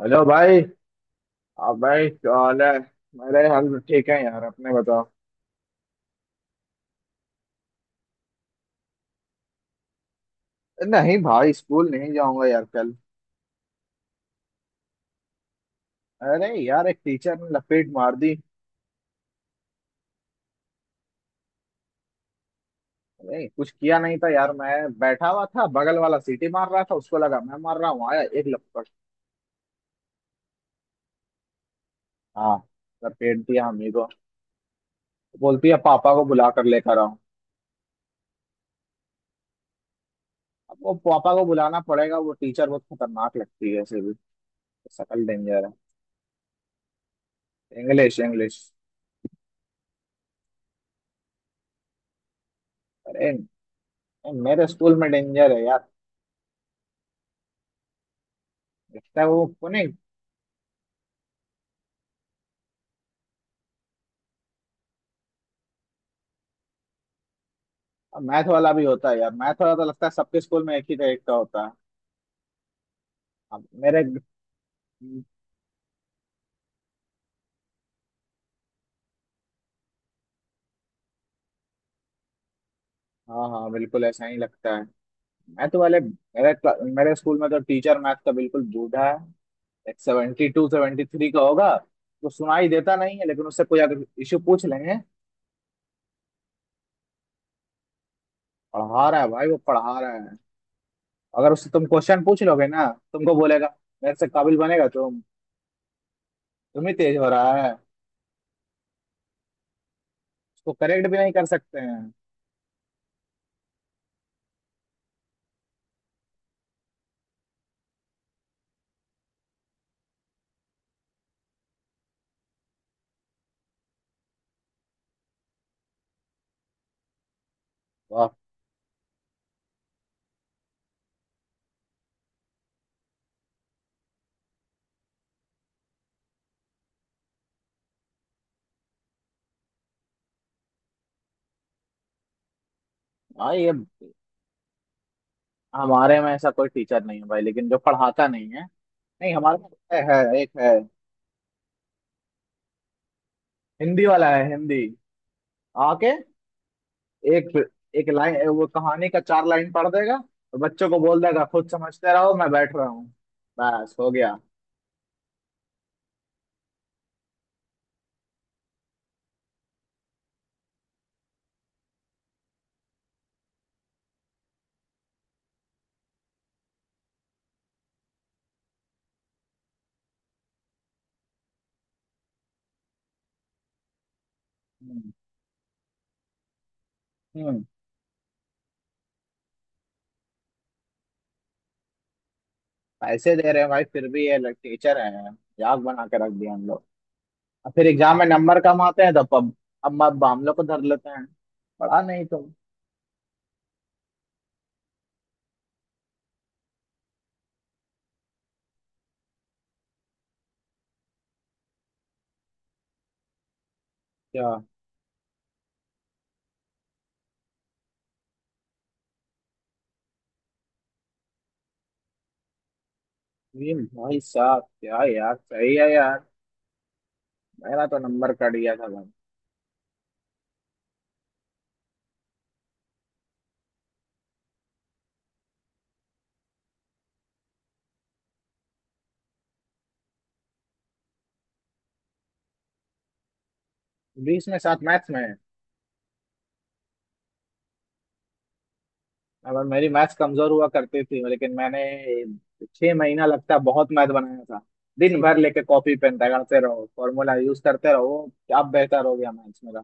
Hello भाई। आप भाई क्या हाल है। मेरे हाल तो ठीक है यार, अपने बताओ। नहीं भाई, स्कूल नहीं जाऊंगा यार कल। अरे यार, एक टीचर ने लपेट मार दी। अरे कुछ किया नहीं था यार मैं। बैठा हुआ था, बगल वाला सीटी मार रहा था, उसको लगा मैं मार रहा हूँ, आया एक लपट। हाँ। लपेट दिया हमी को। बोलती है पापा को बुला कर लेकर आओ। अब वो पापा को बुलाना पड़ेगा, वो टीचर बहुत खतरनाक लगती है ऐसे भी। सकल डेंजर। है, इंग्लिश इंग्लिश। अरे। मेरे स्कूल में डेंजर है यार। लगता है वो। मैथ वाला भी होता है यार, मैथ वाला तो लगता है सबके स्कूल में एक ही टाइप का होता है। अब मेरे। हाँ हाँ, बिल्कुल ऐसा ही लगता है। मैथ वाले मेरे मेरे स्कूल में तो टीचर मैथ का बिल्कुल बूढ़ा है। एक 72-73 का होगा। तो सुनाई देता नहीं है, लेकिन उससे कोई अगर इश्यू पूछ लेंगे। पढ़ा रहा है भाई, वो पढ़ा रहा है। अगर उससे तुम क्वेश्चन पूछ लोगे ना, तुमको बोलेगा मेरे से काबिल बनेगा तुम। तुम ही तेज हो रहा है। उसको करेक्ट भी नहीं कर सकते हैं। वाह। भाई ये हमारे में ऐसा कोई टीचर नहीं है भाई, लेकिन जो पढ़ाता नहीं है। नहीं हमारे पास है, एक है। हिंदी वाला है हिंदी। आके एक। एक लाइन वो कहानी का चार लाइन पढ़ देगा, तो बच्चों को बोल देगा खुद समझते रहो मैं बैठ रहा हूँ। बस हो गया। हम्म। हम्म, पैसे दे रहे हैं भाई, फिर भी ये लोग टीचर है। याद बना के रख दिया हम लोग। और फिर एग्जाम में नंबर कम आते हैं तो अब। अब हम लोग को धर लेते हैं। पढ़ा नहीं तो। क्या। ये भाई साहब क्या यार, सही है यार। मेरा तो नंबर कट गया था भाई। 20 में 7 मैथ्स में। और मेरी मैथ्स कमजोर हुआ करती थी, लेकिन मैंने 6 महीना लगता है बहुत मैथ बनाया था। दिन भर लेके कॉपी पेन रगड़ते रहो, फॉर्मूला यूज करते रहो। अब बेहतर हो गया मैथ्स मेरा।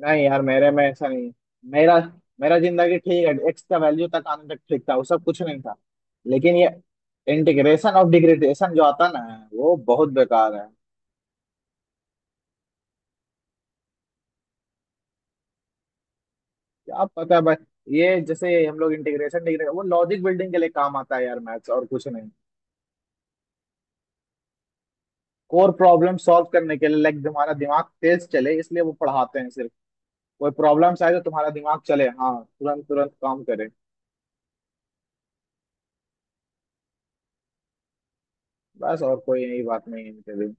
नहीं यार, मेरे में ऐसा नहीं है। मेरा मेरा जिंदगी ठीक है, एक्स का वैल्यू तक आने तक ठीक था, वो सब कुछ नहीं था। लेकिन ये इंटीग्रेशन ऑफ डिग्रेडेशन जो आता ना, वो बहुत बेकार है। क्या पता है भाई, ये जैसे हम लोग इंटीग्रेशन डिग्रेडेशन वो लॉजिक बिल्डिंग के लिए काम आता है यार मैथ्स, और कुछ नहीं। कोर प्रॉब्लम सॉल्व करने के लिए, लाइक तुम्हारा दिमाग तेज चले, इसलिए वो पढ़ाते हैं सिर्फ। कोई प्रॉब्लम्स आए तो तुम्हारा दिमाग चले, हाँ तुरंत तुरंत काम करे। बस, और कोई यही बात नहीं है इनके लिए।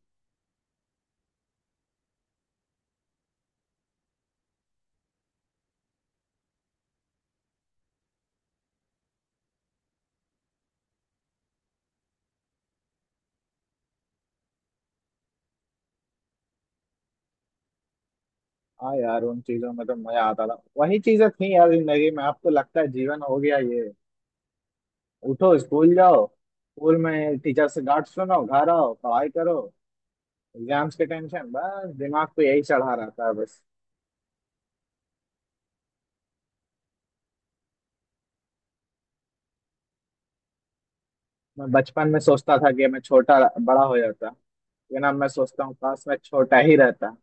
हाँ यार उन चीजों में तो मजा आता था, वही चीजें थी यार जिंदगी में, आपको लगता है जीवन हो गया ये। उठो स्कूल जाओ, स्कूल में टीचर से डांट सुनो, घर आओ पढ़ाई करो। एग्जाम्स के टेंशन बस दिमाग को यही चढ़ा रहता है बस। मैं बचपन में सोचता था कि मैं छोटा बड़ा हो जाता, लेकिन अब मैं सोचता हूँ काश मैं छोटा ही रहता।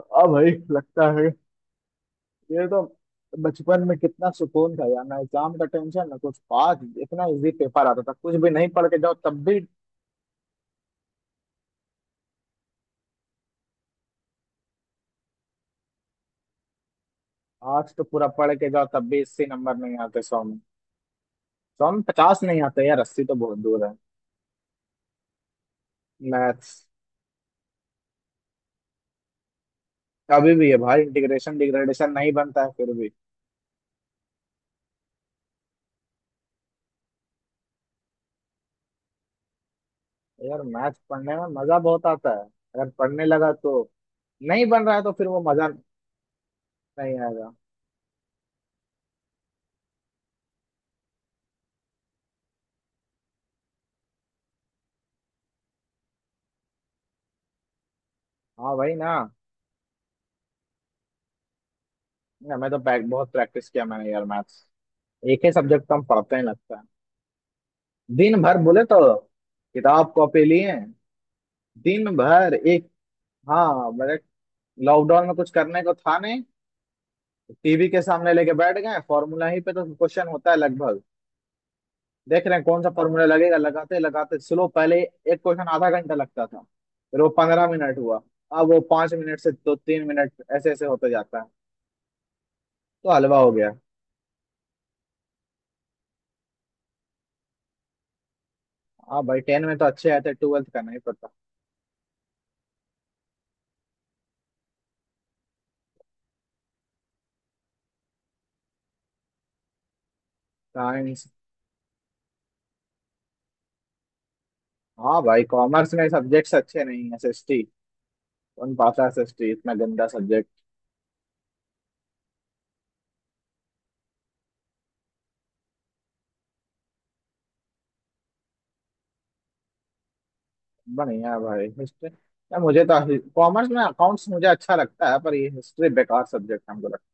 हाँ भाई लगता है। ये तो बचपन में कितना सुकून था यार, ना एग्जाम का टेंशन ना कुछ, पास इतना इजी, पेपर आता था कुछ भी नहीं पढ़ के जाओ तब भी। आर्ट्स तो पूरा पढ़ के जाओ तब भी 80 नंबर नहीं आते 100 में। सौ में 50 नहीं आते यार, 80 तो बहुत दूर है। मैथ्स। अभी भी है भाई, इंटीग्रेशन डिग्रेडेशन नहीं बनता है फिर भी। यार मैथ्स पढ़ने में मजा बहुत आता है अगर पढ़ने लगा तो। नहीं बन रहा है तो फिर वो मजा नहीं आएगा। हाँ भाई ना। ना, मैं तो बहुत प्रैक्टिस किया मैंने यार मैथ्स। एक ही सब्जेक्ट हम पढ़ते हैं लगता है। दिन भर बोले तो किताब कॉपी लिए दिन भर एक। हाँ मेरे लॉकडाउन में कुछ करने को था नहीं, टीवी के सामने लेके बैठ गए। फॉर्मूला ही पे तो क्वेश्चन होता है लगभग, देख रहे हैं कौन सा फॉर्मूला लगेगा, लगाते लगाते स्लो पहले एक क्वेश्चन आधा घंटा लगता था, फिर वो 15 मिनट हुआ। अब वो 5 मिनट से दो तीन मिनट ऐसे ऐसे होते जाता है, तो हलवा हो गया। हाँ भाई, टेन में तो अच्छे आए थे, ट्वेल्थ का नहीं पता। साइंस। हाँ भाई, कॉमर्स में सब्जेक्ट्स अच्छे नहीं है, एस एस टी। कौन पाता एस एस टी इतना गंदा। बढ़िया भाई, हिस्ट्री या मुझे तो कॉमर्स में अकाउंट्स मुझे अच्छा लगता है, पर ये हिस्ट्री बेकार सब्जेक्ट हमको लगता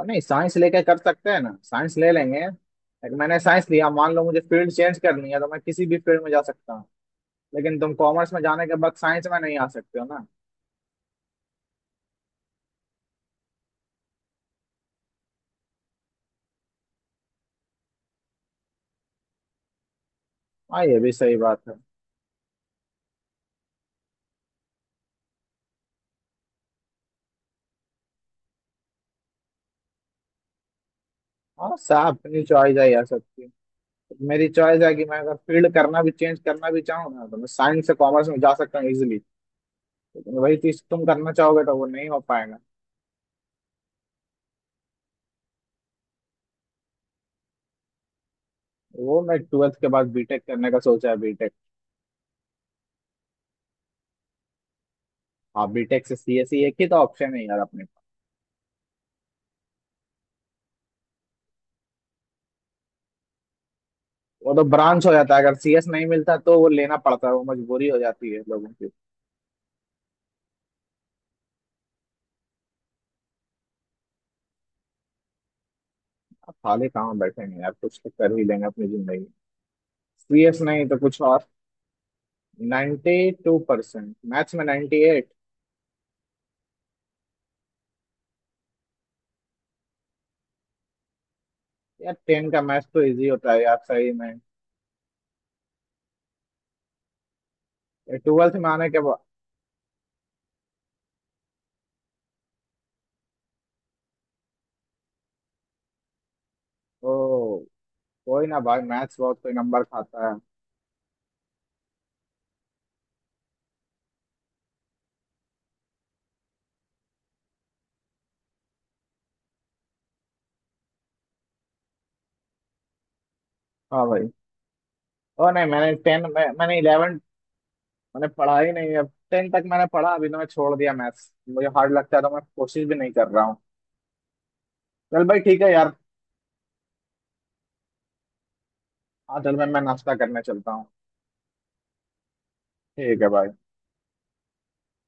है। नहीं साइंस लेके कर सकते हैं ना, साइंस ले लेंगे। एक, मैंने साइंस लिया मान लो, मुझे फील्ड चेंज करनी है तो मैं किसी भी फील्ड में जा सकता हूँ। लेकिन तुम कॉमर्स में जाने के बाद साइंस में नहीं आ सकते हो ना। हाँ ये भी सही बात है। हाँ साहब, अपनी चॉइस है यार सबकी। मेरी चॉइस है कि मैं अगर फील्ड करना भी चेंज करना भी चाहूँ ना, तो मैं साइंस से कॉमर्स में जा सकता हूँ इजिली। लेकिन वही चीज तुम करना चाहोगे तो वो नहीं हो पाएगा। वो मैं ट्वेल्थ के बाद बीटेक करने का सोचा है, बीटेक। हाँ बीटेक से सीएसई, एक ही तो ऑप्शन है यार अपने पास। वो तो ब्रांच हो जाता है, अगर सीएस नहीं मिलता तो वो लेना पड़ता है, वो मजबूरी हो जाती है लोगों की। अब खाली कहाँ बैठेंगे यार, कुछ तो कर ही लेंगे अपनी जिंदगी। सीएस नहीं तो कुछ और। 92% मैथ्स में 98। यार 10 का मैथ्स तो इजी होता है यार सही में। ये 12th में आने के बाद। ओ। कोई ना भाई, मैथ्स बहुत कोई नंबर खाता है। हाँ भाई। ओ नहीं, मैंने 11 मैंने पढ़ा ही नहीं। अब 10 तक मैंने पढ़ा, अभी तो मैं छोड़ दिया मैथ्स, मुझे हार्ड लगता है तो मैं कोशिश भी नहीं कर रहा हूँ। चल भाई ठीक है यार। हाँ चल, मैं नाश्ता करने चलता हूँ। ठीक है भाई।